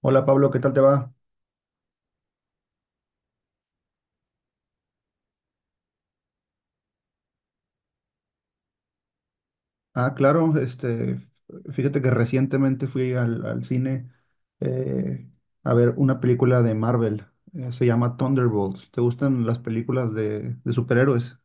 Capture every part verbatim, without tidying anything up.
Hola Pablo, ¿qué tal te va? Ah, claro, este, fíjate que recientemente fui al, al cine eh, a ver una película de Marvel, eh, se llama Thunderbolts. ¿Te gustan las películas de, de superhéroes?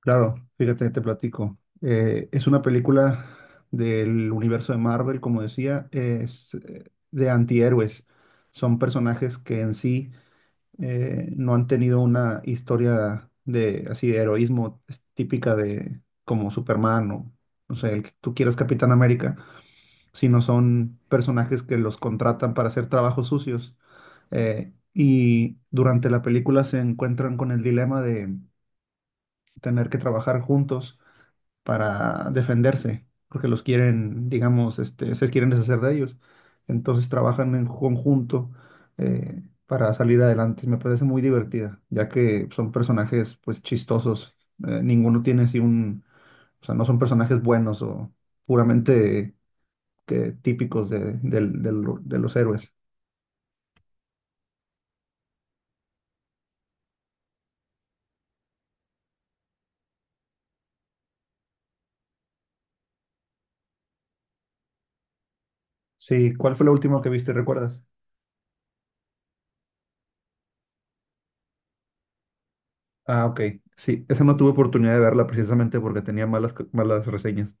Claro, fíjate, te platico. Eh, es una película del universo de Marvel, como decía, es eh, de antihéroes. Son personajes que en sí eh, no han tenido una historia de así de heroísmo típica de como Superman o no sé, el que tú quieras Capitán América, sino son personajes que los contratan para hacer trabajos sucios. Eh, y durante la película se encuentran con el dilema de tener que trabajar juntos para defenderse, porque los quieren, digamos, este, se quieren deshacer de ellos. Entonces trabajan en conjunto eh, para salir adelante. Me parece muy divertida, ya que son personajes pues chistosos. Eh, ninguno tiene así un, o sea, no son personajes buenos o puramente que, típicos de, del- del- de los héroes. Sí, ¿cuál fue la última que viste? ¿Recuerdas? Ah, ok. Sí, esa no tuve oportunidad de verla precisamente porque tenía malas, malas reseñas.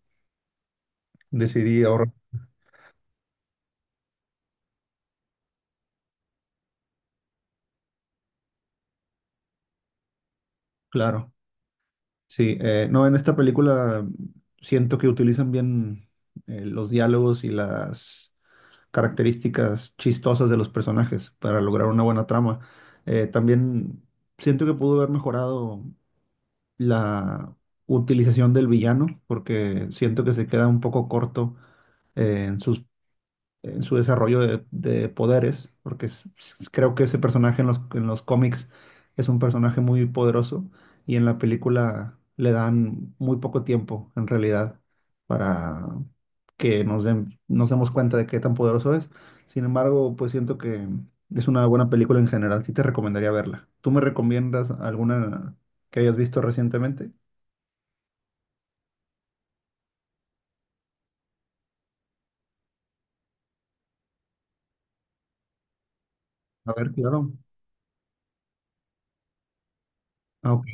Decidí ahorrar. Claro. Sí, eh, no, en esta película siento que utilizan bien eh, los diálogos y las características chistosas de los personajes para lograr una buena trama. Eh, también siento que pudo haber mejorado la utilización del villano, porque siento que se queda un poco corto eh, en sus en su desarrollo de, de poderes, porque es- es- creo que ese personaje en los, en los cómics es un personaje muy poderoso y en la película le dan muy poco tiempo, en realidad, para que nos den- nos demos cuenta de qué tan poderoso es. Sin embargo, pues siento que es una buena película en general, sí te recomendaría verla. ¿Tú me recomiendas alguna que hayas visto recientemente? A ver, claro. Ah, ok,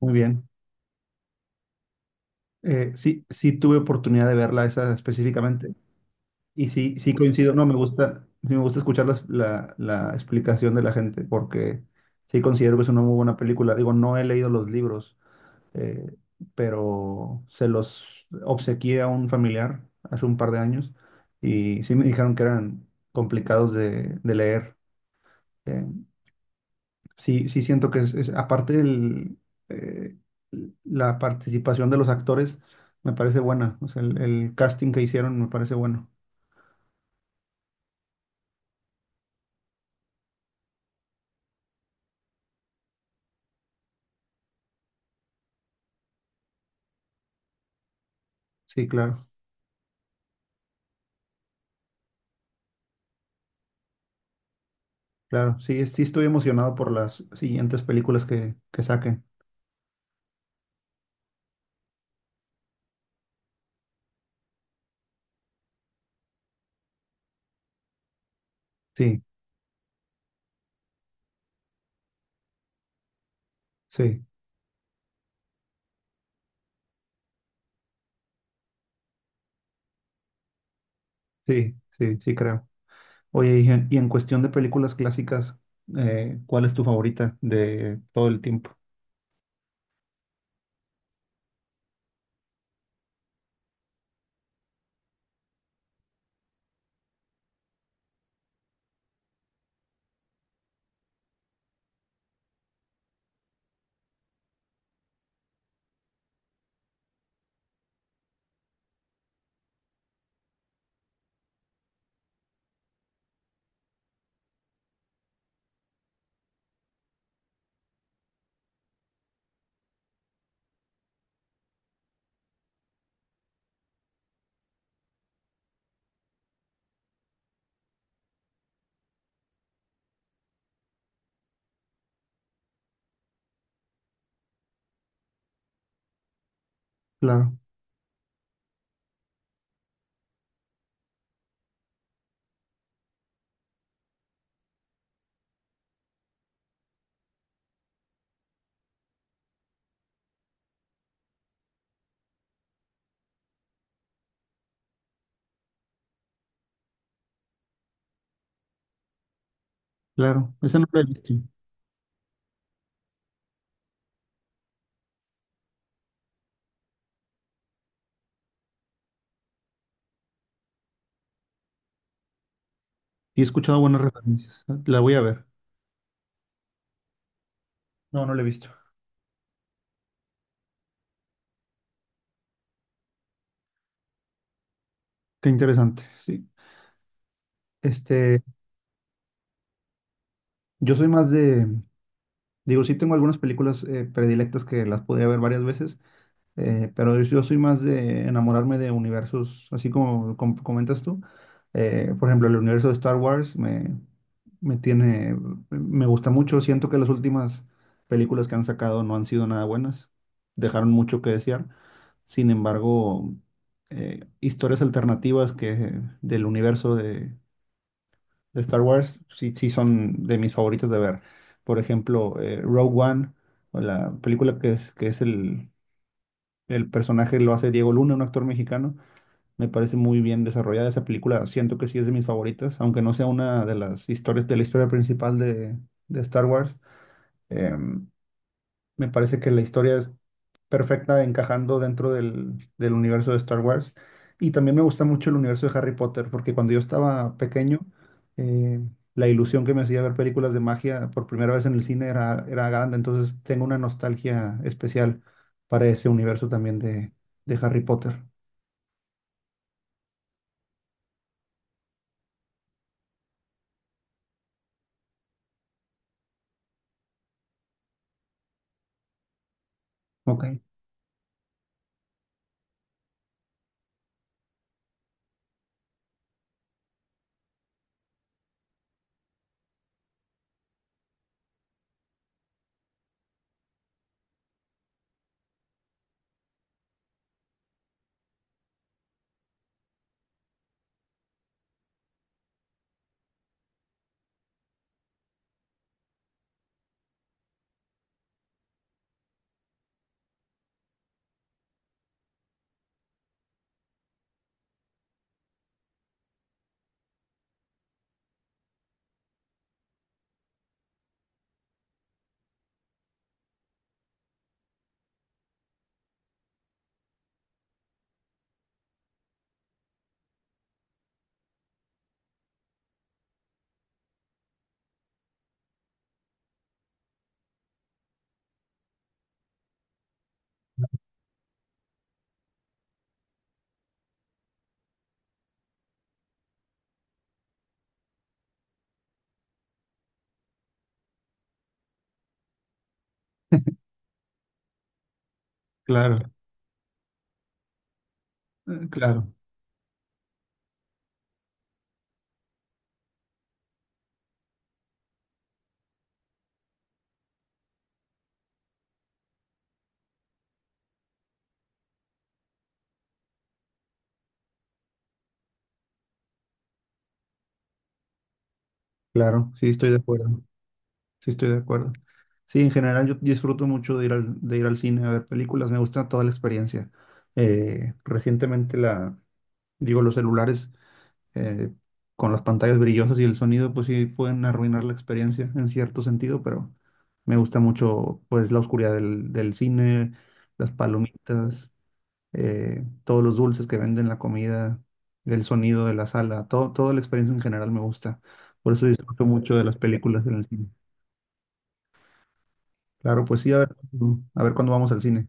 muy bien. Eh, sí, sí tuve oportunidad de verla esa específicamente. Y sí, sí coincido, no, me gusta, sí me gusta escuchar las- la, la explicación de la gente porque sí considero que es una muy buena película. Digo, no he leído los libros, eh, pero se los obsequié a un familiar hace un par de años y sí me dijeron que eran complicados de, de leer. Eh, sí, sí siento que es, es- aparte del, eh, la participación de los actores me parece buena, o sea, el el casting que hicieron me parece bueno. Sí, claro. Claro, sí, es- sí estoy emocionado por las siguientes películas que, que saquen. Sí, sí, sí, sí, sí creo. Oye, y en, y en cuestión de películas clásicas, eh, ¿cuál es tu favorita de todo el tiempo? Claro, claro, esa no la he visto. Y he escuchado buenas referencias. La voy a ver. No, no la he visto. Qué interesante, sí. Este, yo soy más de, digo, sí tengo algunas películas eh, predilectas que las podría ver varias veces. Eh, pero yo, yo soy más de enamorarme de universos, así como, com- comentas tú. Eh, por ejemplo, el universo de Star Wars me, me tiene, me gusta mucho. Siento que las últimas películas que han sacado no han sido nada buenas. Dejaron mucho que desear. Sin embargo, eh, historias alternativas que del universo de, de Star Wars sí, sí son de mis favoritas de ver. Por ejemplo, eh, Rogue One, o la película que es, que es el, el personaje lo hace Diego Luna, un actor mexicano. Me parece muy bien desarrollada esa película. Siento que sí es de mis favoritas, aunque no sea una de las historias de la historia principal de, de Star Wars. Em, Me parece que la historia es perfecta encajando dentro del, del universo de Star Wars. Y también me gusta mucho el universo de Harry Potter, porque cuando yo estaba pequeño, eh, la ilusión que me hacía ver películas de magia por primera vez en el cine era, era grande. Entonces tengo una nostalgia especial para ese universo también de, de Harry Potter. Ok, claro, eh, claro, claro, sí estoy de acuerdo, sí estoy de acuerdo. Sí, en general yo disfruto mucho de ir al, de ir al cine a ver películas, me gusta toda la experiencia. Eh, recientemente la, Digo, los celulares eh, con las pantallas brillosas y el sonido, pues sí pueden arruinar la experiencia en cierto sentido, pero me gusta mucho pues la oscuridad del, del cine, las palomitas, eh, todos los dulces que venden, la comida, el sonido de la sala, todo, toda la experiencia en general me gusta. Por eso disfruto mucho de las películas en el cine. Claro, pues sí, a ver, a ver cuándo vamos al cine.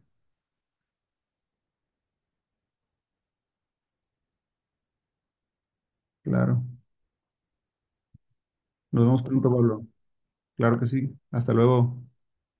Claro. Nos vemos pronto, Pablo. Claro que sí. Hasta luego.